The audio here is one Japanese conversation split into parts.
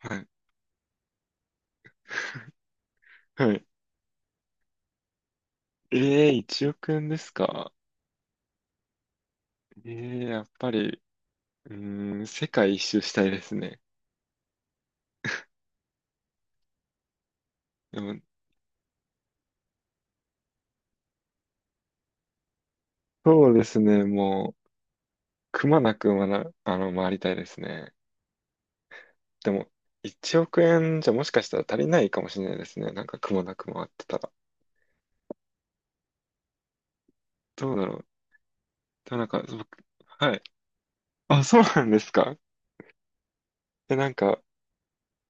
はい。はい。ええ、1億円ですか？ええ、やっぱり、うーん、世界一周したいですね。でも、そうですね、もう、くまなくまな、あの、回りたいですね。でも、1億円じゃもしかしたら足りないかもしれないですね。なんかくまなく回ってたら。どうだろう。でもなんか、僕、はい。あ、そうなんですか？え、なんか、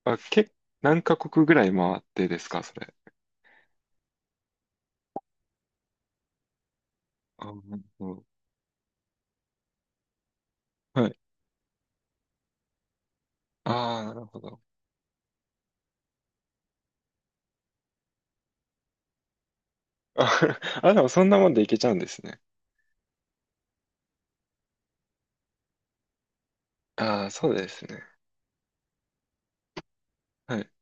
あ、け、何カ国ぐらい回ってですか、それ。あ、なるほど。はい。ああ、なるほど。あ、あ、でもそんなもんでいけちゃうんですね。ああ、そうですね。はい。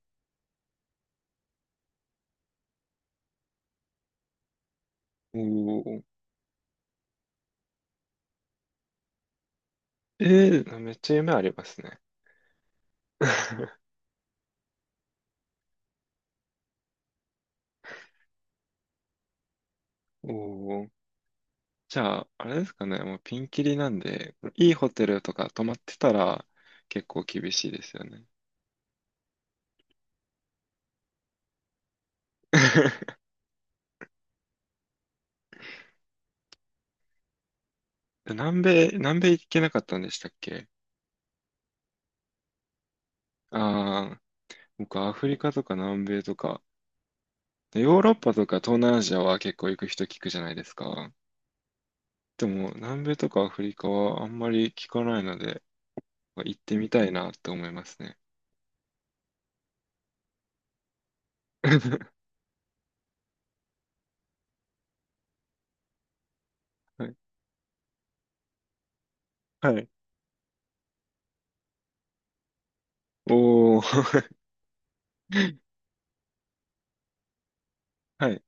おお。ええー、めっちゃ夢ありますね。おお。じゃあ、あれですかね。もうピンキリなんで、いいホテルとか泊まってたら結構厳しいですよね。南米行けなかったんでしたっけ？ああー、僕アフリカとか南米とか、ヨーロッパとか東南アジアは結構行く人聞くじゃないですか。でも南米とかアフリカはあんまり聞かないので、行ってみたいなって思いますね。はいはい。おー。はい。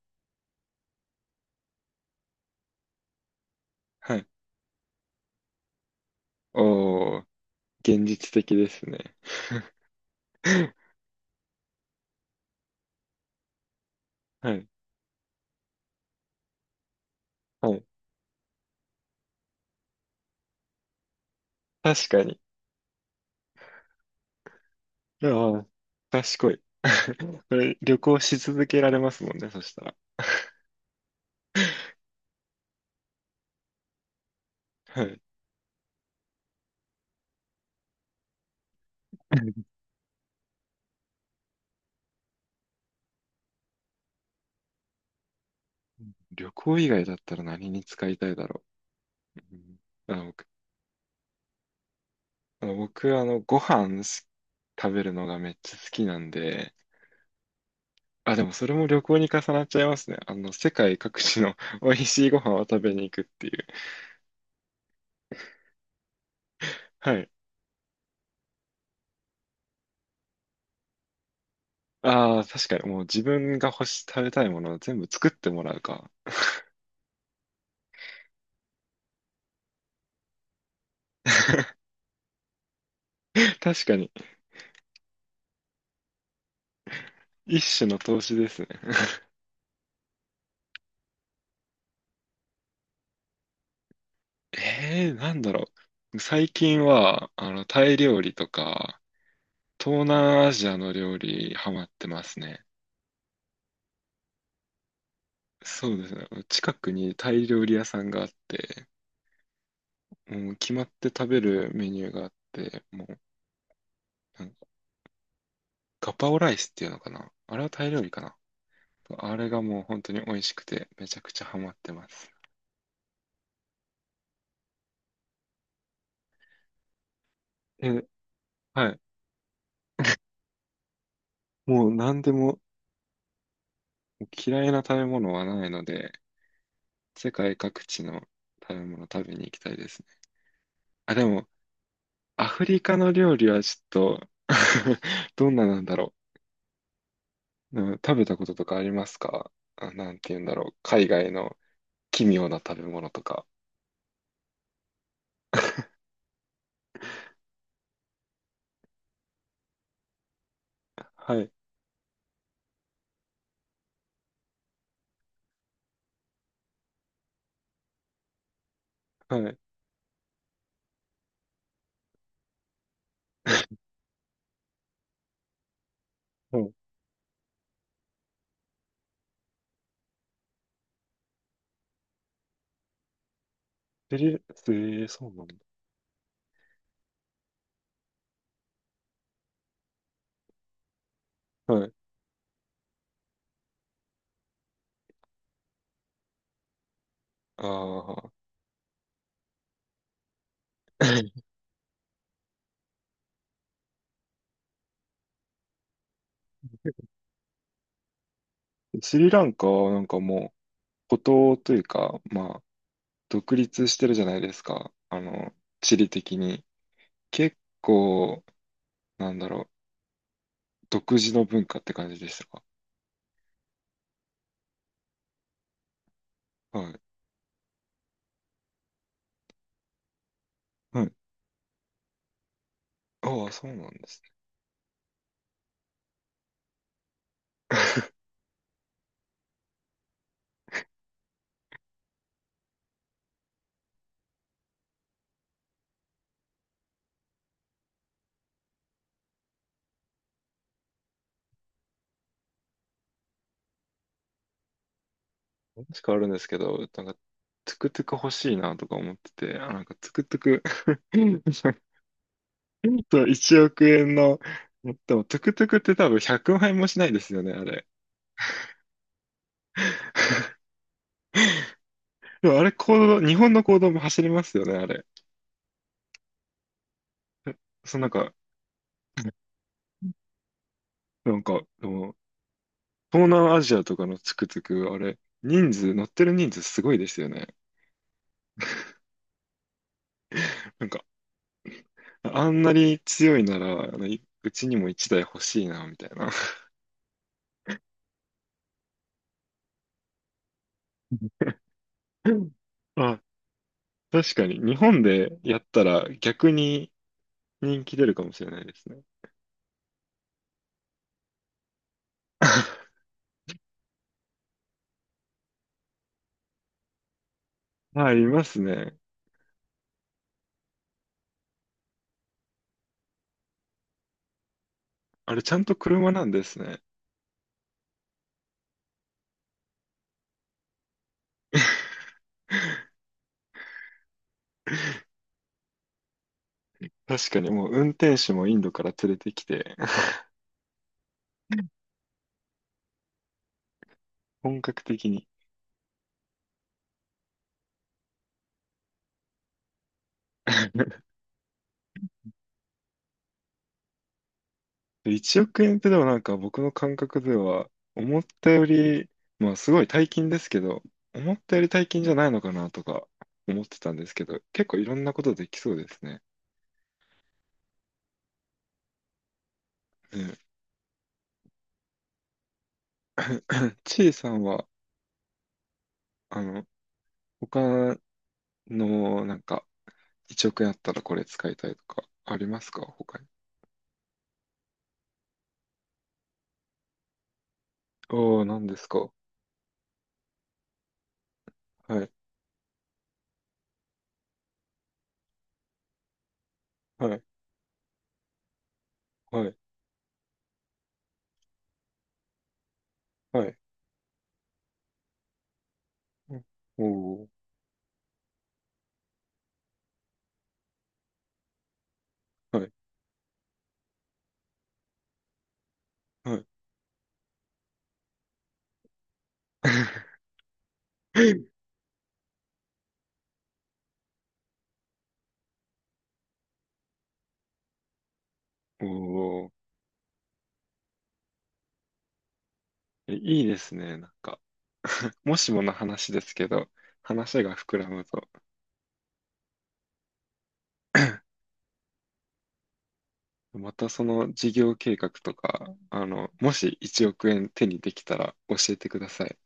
はい。おー。現実的ですね。はい。はい。確かに。ああ、賢い。これ、旅行し続けられますもんね、そしたら。はい。旅行以外だったら何に使いたいだろう。うん。あの、僕、あの、僕あのご飯す食べるのがめっちゃ好きなんで、あ、でもそれも旅行に重なっちゃいますね。世界各地の 美味しいご飯を食べに行くっていう。はい。ああ、確かに、もう自分が食べたいものを全部作ってもらうか。確かに、一種の投資ですね。ええー、なんだろう。最近は、タイ料理とか、東南アジアの料理、ハマってますね。そうですね。近くにタイ料理屋さんがあって、もう決まって食べるメニューがあって、もう、なんかガパオライスっていうのかな。あれはタイ料理かな。あれがもう本当に美味しくて、めちゃくちゃハマってます。え、はい。もう何でも嫌いな食べ物はないので、世界各地の食べ物食べに行きたいですね。あ、でも、アフリカの料理はちょっと どんななんだろう。うん。食べたこととかありますか？あ、なんて言うんだろう。海外の奇妙な食べ物とか。はい、はい。うん。スリ、えー、そうなんだ。はい。ああ。スリランカはなんかもう、孤島というか、まあ、独立してるじゃないですか。地理的に。結構、なんだろう、独自の文化って感じでしたか？はい。はい。ああ、そうなんですね。話変わるんですけど、なんか、トゥクトゥク欲しいなとか思ってて、あ、なんかトゥクトゥク そう、1億円の、でもトゥクトゥクって多分100万円もしないですよね、あれ。でもあれ、公道、日本の公道も走りますよね、あれ。そう、なんか、でも、東南アジアとかのトゥクトゥク、あれ、人数、乗ってる人数すごいですよね。なんか、あんなに強いなら、あのいうちにも一台欲しいな、みたいな。あ、確かに。日本でやったら逆に人気出るかもしれないですね。あ、いますね。あれ、ちゃんと車なんですね。確かに、もう運転手もインドから連れてきて、本格的に。1億円ってでもなんか僕の感覚では思ったより、まあすごい大金ですけど、思ったより大金じゃないのかなとか思ってたんですけど、結構いろんなことできそうですね。うん。ちいさんは、あの、他のなんか1億円あったらこれ使いたいとかありますか他に？ああ、何ですか。はい、はい、はい、はい。うん。おお、はい、はい。おお、え、いいですね、なんか。もしもの話ですけど、話が膨らむと、またその事業計画とか、もし1億円手にできたら教えてください。